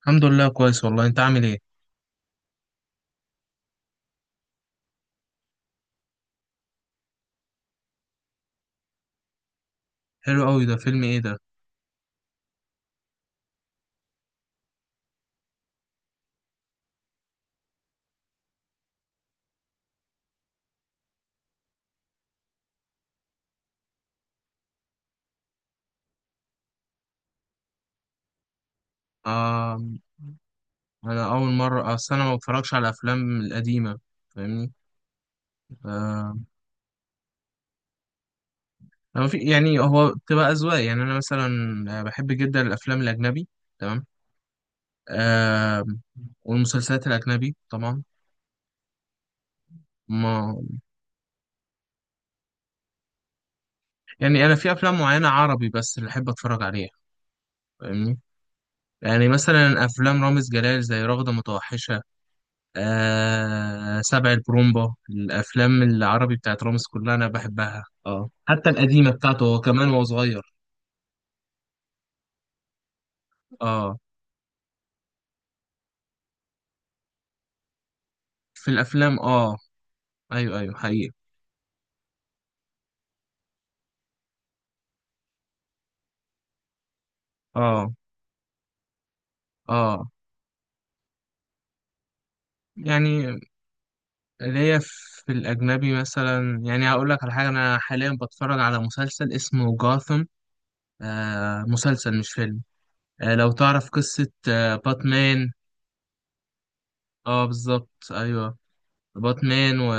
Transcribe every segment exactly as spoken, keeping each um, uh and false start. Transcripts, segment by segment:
الحمد لله كويس والله، انت عامل ايه؟ حلو قوي. ده فيلم ايه ده؟ آه. انا اول مره، اصل انا ما بتفرجش على الافلام القديمه. فاهمني؟ آه. أنا في، يعني هو بتبقى اذواق، يعني انا مثلا آه، بحب جدا الافلام الاجنبي. تمام. آه، والمسلسلات الاجنبي طبعا. ما، يعني انا في افلام معينه عربي بس اللي احب اتفرج عليها. فاهمني؟ يعني مثلا افلام رامز جلال زي رغده متوحشه، آه سبع البرومبا. الافلام العربي بتاعت رامز كلها انا بحبها، اه حتى القديمه بتاعته هو كمان وهو صغير. اه. في الافلام اه. ايوه، ايوه، حقيقي. اه، اه. يعني اللي هي، في الاجنبي مثلا، يعني هقول لك على حاجه. انا حاليا بتفرج على مسلسل اسمه جاثم. آه، مسلسل مش فيلم. آه، لو تعرف قصه آه باتمان. اه، بالظبط، ايوه. باتمان و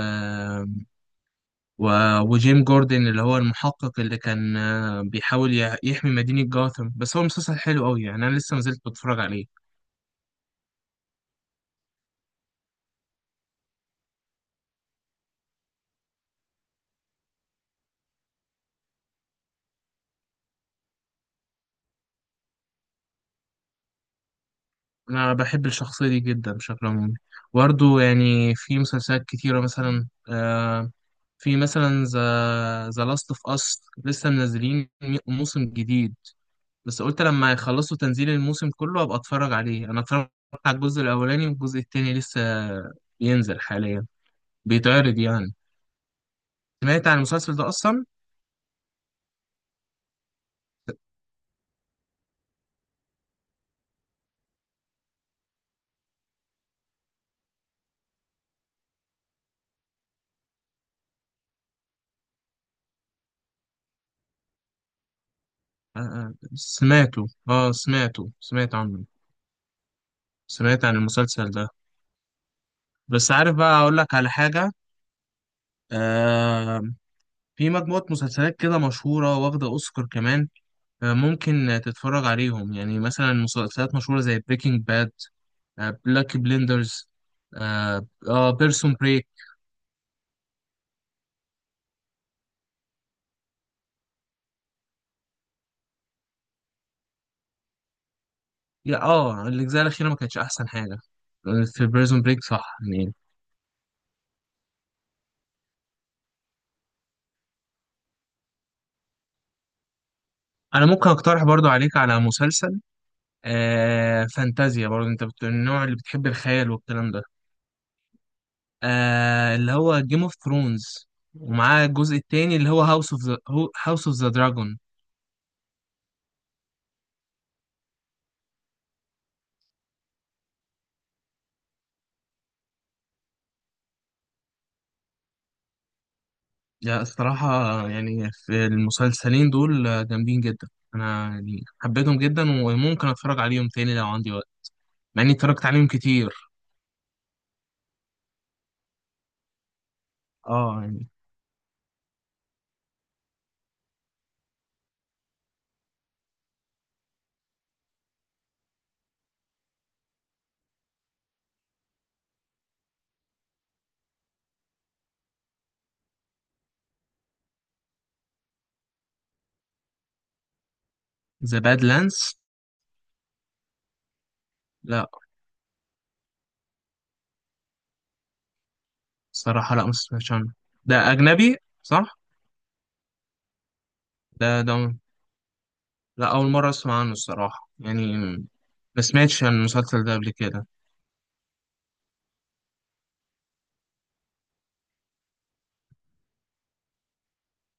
و- وجيم جوردن اللي هو المحقق اللي كان آه، بيحاول يح- يحمي مدينة جاثم. بس هو مسلسل حلو قوي، يعني أنا لسه مازلت بتفرج عليه. أنا بحب الشخصية دي جدا بشكل عمومي. برضه يعني في مسلسلات كتيرة مثلا. آه، في مثلا ذا ذا لاست اوف اس لسه منزلين مي- موسم جديد. بس قلت لما يخلصوا تنزيل الموسم كله ابقى اتفرج عليه. انا اتفرجت على الجزء الاولاني، والجزء التاني لسه بينزل حاليا، بيتعرض يعني. سمعت عن المسلسل ده اصلا؟ آه، آه، سمعته. اه سمعته، سمعت عنه. سمعت عن المسلسل ده. بس عارف بقى، اقول لك على حاجة. آه، في مجموعة مسلسلات كده مشهورة واخدة اوسكار كمان. آه، ممكن تتفرج عليهم. يعني مثلا مسلسلات مشهورة زي بريكنج باد، آه بلاك بليندرز، اه, آه بيرسون بريك. يا اه الاجزاء الاخيرة ما كانتش احسن حاجة في بيرسون بريك، صح يعني. انا ممكن اقترح برضو عليك على مسلسل آه فانتازيا. برضو انت بت- النوع اللي بتحب، الخيال والكلام ده. آه، اللي هو جيم اوف ثرونز، ومعاه الجزء التاني اللي هو هاوس اوف ذا هاوس اوف ذا دراجون. لا الصراحة، يعني في المسلسلين دول آه، جامدين جدا. أنا يعني حبيتهم جدا، وممكن أتفرج عليهم تاني لو عندي وقت، مع إني اتفرجت عليهم كتير. اه يعني. ذا باد لاندز. لا الصراحة، لا ما سمعتش عنه. ده أجنبي، صح؟ ده ده لا، أول مرة أسمع عنه الصراحة يعني. ما سمعتش عن المسلسل ده قبل كده.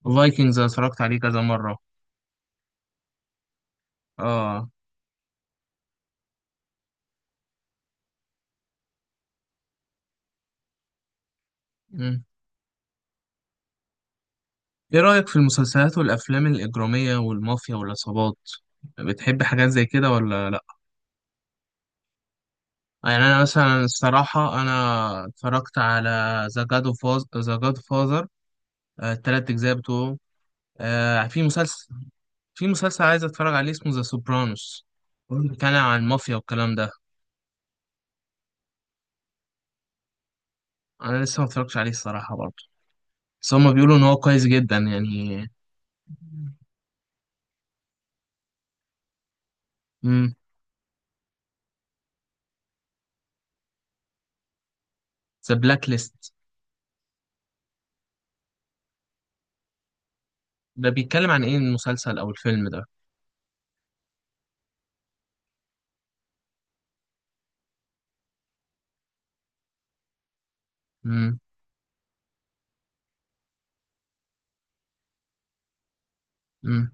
فايكنجز أنا اتفرجت عليه كذا مرة. اه. إيه رأيك في المسلسلات والأفلام الإجرامية والمافيا والعصابات؟ بتحب حاجات زي كده ولا لأ؟ يعني أنا مثلا الصراحة، أنا اتفرجت على ذا جاد فاز ذا جاد فازر، التلات أجزاء بتوعه. آه، في مسلسل في مسلسل عايز أتفرج عليه اسمه ذا سوبرانوس، بيتكلم عن المافيا والكلام ده. أنا لسه ما اتفرجتش عليه الصراحة برضه، بس هما بيقولوا إن هو كويس جدا يعني. ذا بلاك ليست. ده بيتكلم عن إيه المسلسل أو الفيلم ده؟ مم. مم.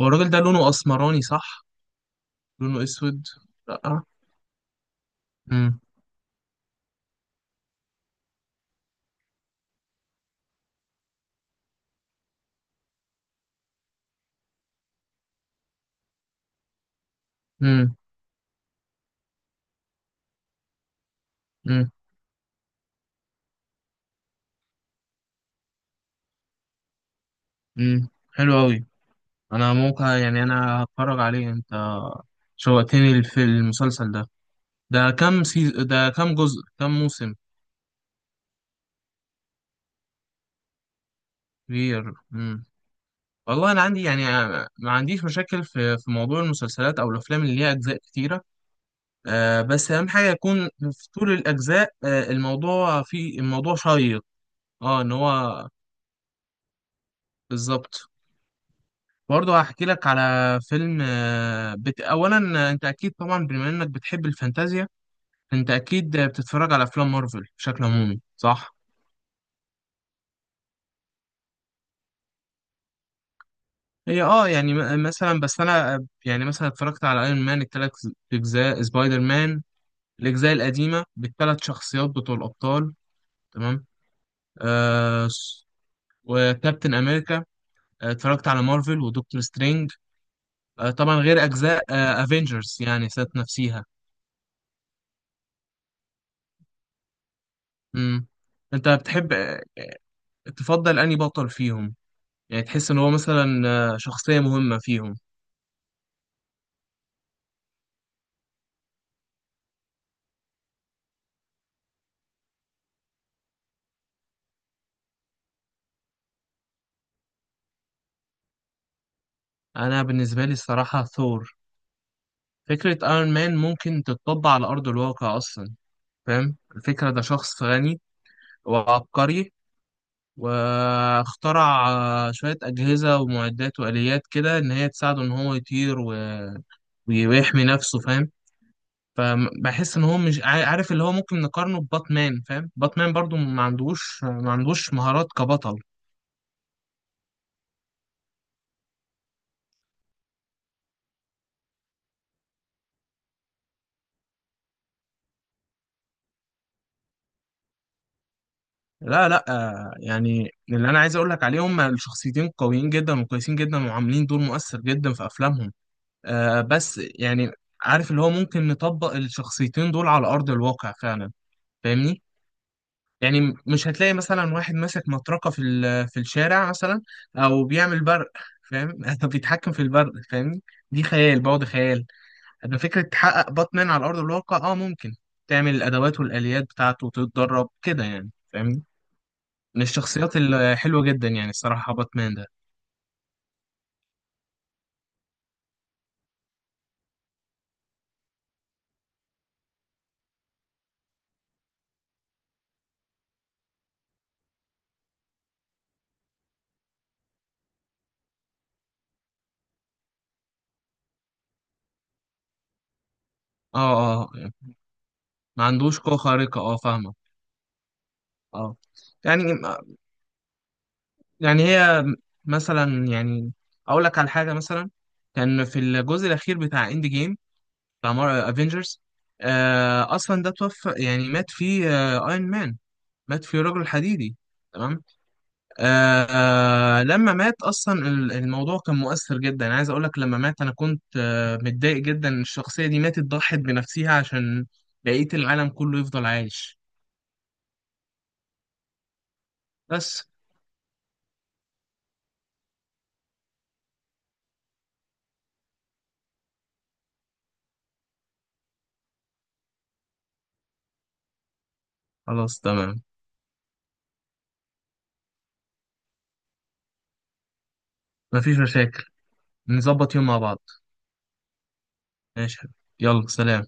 هو الراجل ده لونه اسمراني، صح؟ لونه اسود. لا. امم. امم. امم. امم. حلو قوي. انا ممكن يعني، انا هتفرج عليه. انت شوقتني في المسلسل ده. ده كام سيز... ده كام جزء، كام موسم؟ كبير. امم. والله انا عندي يعني، ما عنديش مشاكل في في موضوع المسلسلات او الافلام اللي ليها اجزاء كتيره. آه، بس اهم حاجه يكون في طول الاجزاء آه الموضوع فيه الموضوع شيق. اه، ان هو. بالظبط. برضه هحكي لك على فيلم. آه، بت... اولا آه، انت اكيد طبعا، بما انك بتحب الفانتازيا. فانت اكيد آه، بتتفرج على افلام مارفل بشكل عمومي، صح؟ هي اه، يعني م- آه، مثلا بس انا آه، يعني مثلا اتفرجت على ايرون مان، الثلاث اجزاء سبايدر مان، الاجزاء القديمه بالثلاث شخصيات بتوع الابطال. تمام. آه س- وكابتن امريكا. آه، اتفرجت على مارفل ودكتور سترينج. آه، طبعا غير اجزاء افنجرز يعني، ذات نفسيها. مم. انت بتحب تفضل أنهي بطل فيهم؟ يعني تحس إن هو مثلا آه، شخصية مهمة فيهم. أنا بالنسبة لي الصراحة ثور. فكرة ايرون مان ممكن تتطبق على أرض الواقع أصلا. فاهم الفكرة؟ ده شخص غني وعبقري. واخترع آه، شوية أجهزة ومعدات وآليات كده إن هي تساعده إن هو يطير و- ويحمي نفسه، فاهم؟ فبحس إن هو مش عا- عارف. اللي هو ممكن نقارنه بباتمان، فاهم؟ باتمان برضو ما عندوش، ما عندوش مهارات كبطل. لا، لا، آه، يعني اللي انا عايز اقول لك عليهم، الشخصيتين قويين جدا وكويسين جدا وعاملين دور مؤثر جدا في افلامهم. آه، بس يعني عارف، اللي هو ممكن نطبق الشخصيتين دول على ارض الواقع فعلا. فاهمني؟ يعني م- مش هتلاقي مثلا واحد ماسك مطرقة في ال- في الشارع مثلا، او بيعمل برق، فاهم؟ أو بيتحكم في البرق، فاهمني؟ دي خيال بعد خيال. اما فكرة تحقق باتمان على ارض الواقع، اه ممكن تعمل الادوات والاليات بتاعته وتتدرب كده يعني. فاهمني؟ من الشخصيات الحلوة جدا يعني الصراحة، باتمان ده. اه، اه يعني ما عندوش قوة خارقة، اه فاهمة. اه، يعني يعني هي مثلا، يعني اقول لك على حاجة مثلا. كان في الجزء الأخير بتاع اند جيم، بتاع افنجرز. آه، اصلا ده توفى يعني، مات فيه آه ايرون مان. مات فيه رجل حديدي. تمام. آه آه لما مات اصلا ال- الموضوع كان مؤثر جدا. عايز اقول لك، لما مات انا كنت آه متضايق جدا إن الشخصيه دي ماتت، ضحت بنفسها عشان بقيه العالم كله يفضل عايش. بس. خلاص تمام. مفيش مشاكل. نظبط يوم مع بعض. ماشي. يلا، سلام.